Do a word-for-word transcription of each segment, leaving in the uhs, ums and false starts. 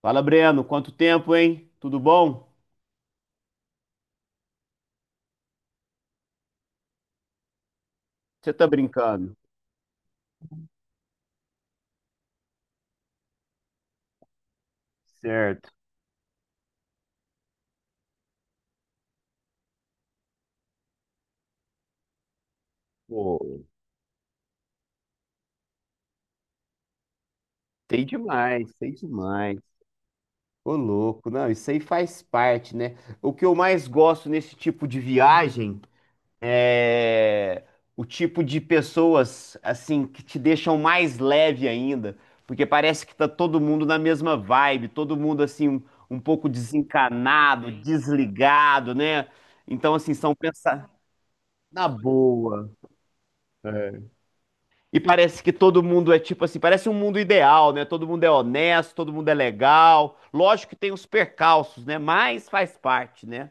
Fala, Breno, quanto tempo, hein? Tudo bom? Você tá brincando? Certo. Pô, sei demais, sei demais. Ô, louco, não, isso aí faz parte, né? O que eu mais gosto nesse tipo de viagem é o tipo de pessoas, assim, que te deixam mais leve ainda, porque parece que tá todo mundo na mesma vibe, todo mundo, assim, um, um pouco desencanado, desligado, né? Então, assim, são pensar na boa. E parece que todo mundo é tipo assim, parece um mundo ideal, né? Todo mundo é honesto, todo mundo é legal. Lógico que tem os percalços, né? Mas faz parte, né?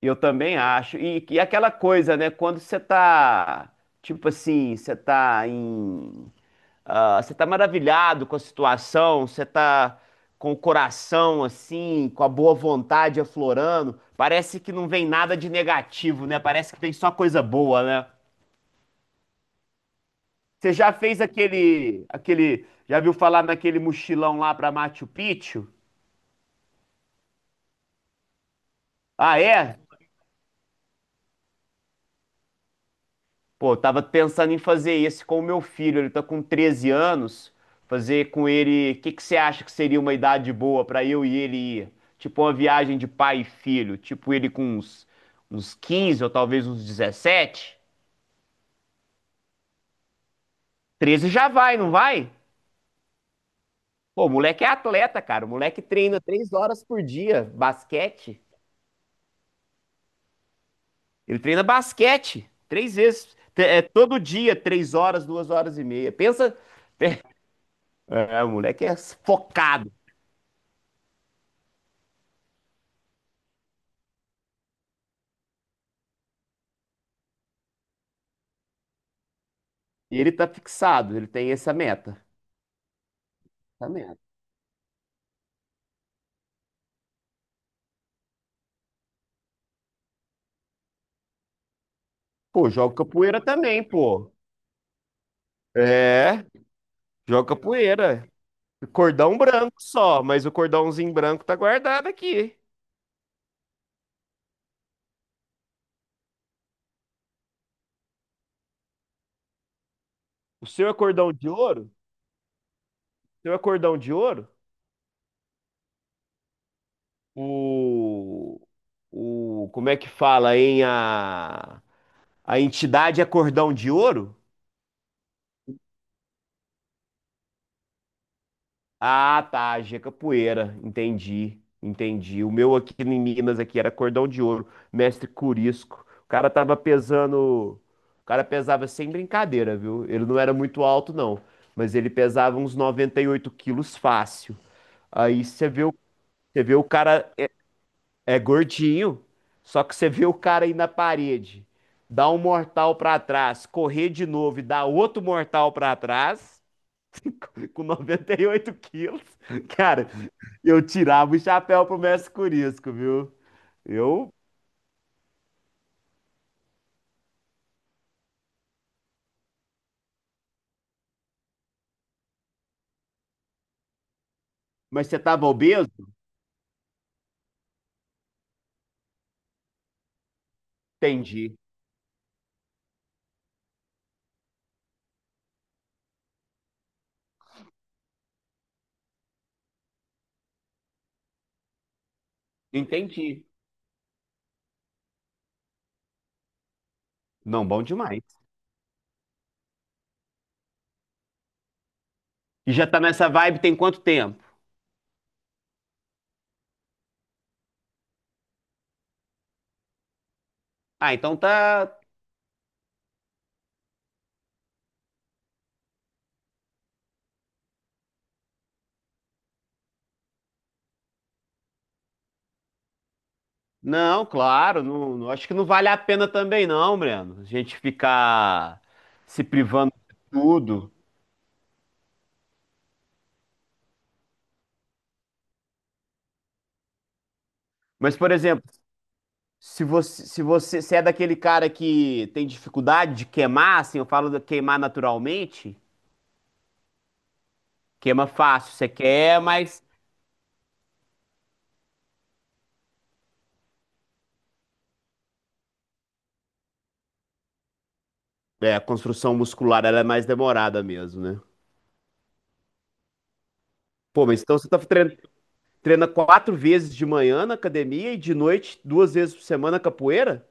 Eu também acho. E, e aquela coisa, né? Quando você tá, tipo assim, você tá em. Ah, você tá maravilhado com a situação, você tá com o coração, assim, com a boa vontade aflorando. Parece que não vem nada de negativo, né? Parece que tem só coisa boa, né? Você já fez aquele, aquele, já viu falar naquele mochilão lá pra Machu Picchu? Ah, é? Pô, eu tava pensando em fazer esse com o meu filho, ele tá com treze anos, fazer com ele, o que que você acha que seria uma idade boa pra eu e ele ir? Tipo uma viagem de pai e filho, tipo ele com uns, uns quinze ou talvez uns dezessete? Treze já vai, não vai? Pô, o moleque é atleta, cara, o moleque treina três horas por dia, basquete. Ele treina basquete três vezes. T- É todo dia, três horas, duas horas e meia. Pensa. É, o moleque é focado. E ele tá fixado, ele tem essa meta. Essa meta. Pô, joga capoeira também, pô. É, joga capoeira. Cordão branco só, mas o cordãozinho branco tá guardado aqui. O seu é cordão de ouro? O seu é cordão de ouro? O, o, como é que fala, hein? A, a entidade é cordão de ouro? Ah, tá, G-Capoeira, entendi, entendi. O meu aqui em Minas aqui era cordão de ouro, mestre Curisco. O cara tava pesando, o cara pesava sem brincadeira, viu? Ele não era muito alto não, mas ele pesava uns noventa e oito quilos fácil. Aí você vê, o- você vê o cara é, é gordinho, só que você vê o cara aí na parede, dá um mortal pra trás, correr de novo e dar outro mortal pra trás com noventa e oito quilos. Cara, eu tirava o chapéu pro mestre Curisco, viu? Eu. Mas você tava obeso? Entendi. Entendi. Não, bom demais. E já tá nessa vibe tem quanto tempo? Ah, então tá. Não, claro, não, não- acho que não vale a pena também, não, Breno. A gente ficar se privando de tudo. Mas, por exemplo, se você, se você, se é daquele cara que tem dificuldade de queimar, assim, eu falo de queimar naturalmente, queima fácil, você quer, mas é, a construção muscular ela é mais demorada mesmo, né? Pô, mas então você tá trein- treina quatro vezes de manhã na academia e de noite duas vezes por semana capoeira?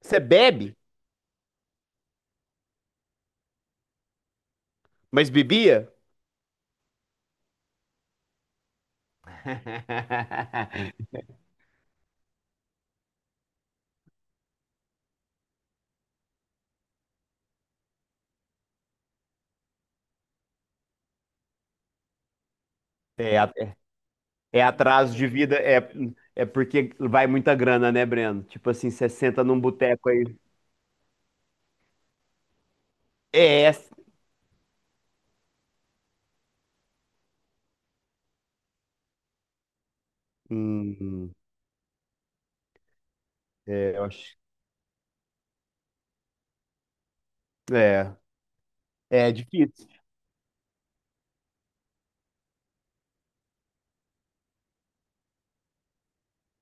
Você bebe, mas bebia? É, a- é atraso de vida, é, é porque vai muita grana, né, Breno? Tipo assim, você senta num boteco aí. É, hum, é, eu acho. É, é difícil.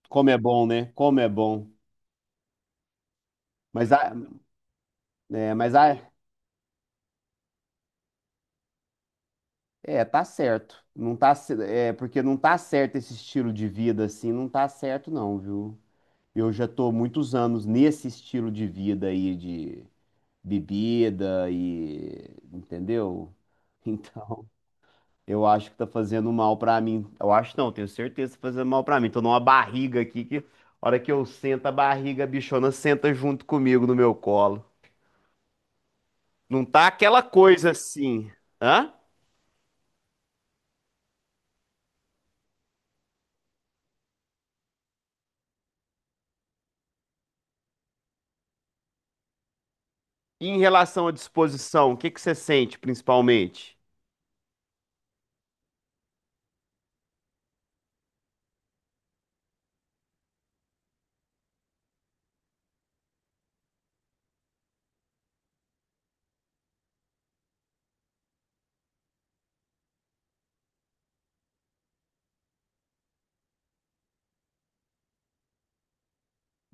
Como é bom, né? Como é bom. Mas a, é, mas a, é, tá certo. Não tá, ce- é, porque não tá certo esse estilo de vida assim, não tá certo não, viu? Eu já tô muitos anos nesse estilo de vida aí de bebida e, entendeu? Então, eu acho que tá fazendo mal pra mim. Eu acho não, tenho certeza que tá fazendo mal pra mim. Tô numa barriga aqui que, a hora que eu sento, a barriga, a bichona senta junto comigo no meu colo. Não tá aquela coisa assim, hã? E em relação à disposição, o que que você sente principalmente?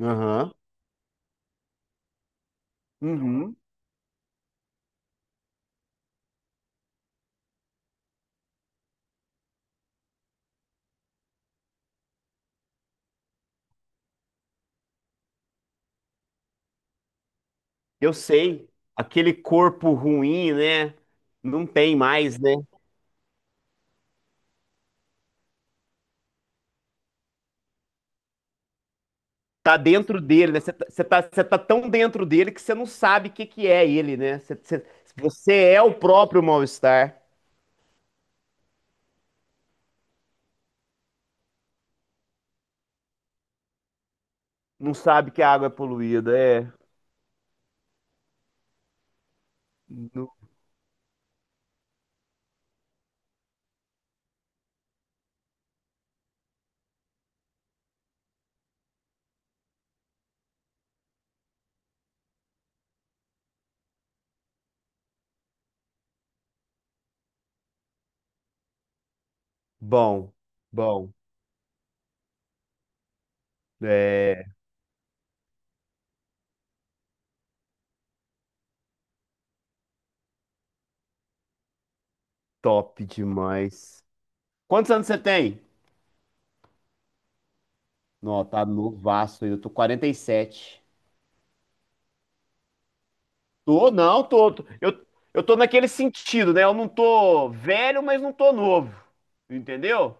Aham. Uhum. Eu sei, aquele corpo ruim, né? Não tem mais, né? Tá dentro dele, né? Você tá, você tá, você tá tão dentro dele que você não sabe o que que é ele, né? Você, você- você é o próprio mal-estar. Não sabe que a água é poluída. É. No- Bom, bom. É top demais. Quantos anos você tem? Não, tá novaço aí. Eu tô quarenta e sete. Tô, não, tô. Tô- Eu, eu tô naquele sentido, né? Eu não tô velho, mas não tô novo. Entendeu?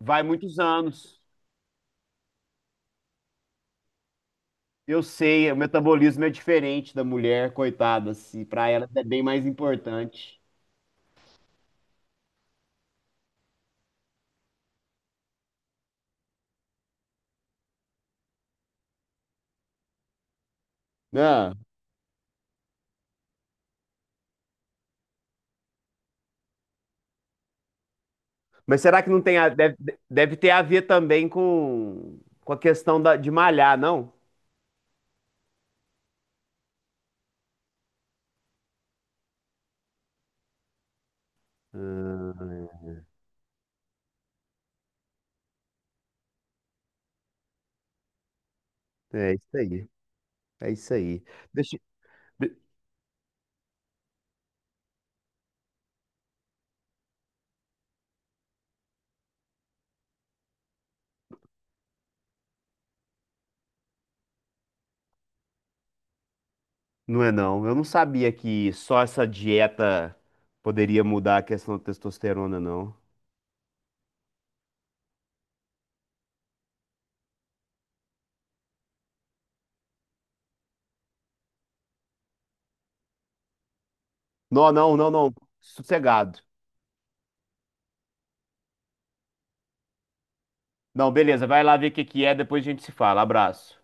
Vai muitos anos. Eu sei, o metabolismo é diferente da mulher, coitada, assim, para ela é bem mais importante. Não. Mas será que não tem a, deve, deve ter a ver também com, com a questão da, de malhar, não? Ah, é isso aí. É isso aí. Deixa, não é não. Eu não sabia que só essa dieta poderia mudar a questão da testosterona, não. Não, não, não, não. Sossegado. Não, beleza. Vai lá ver o que que é, depois a gente se fala. Abraço.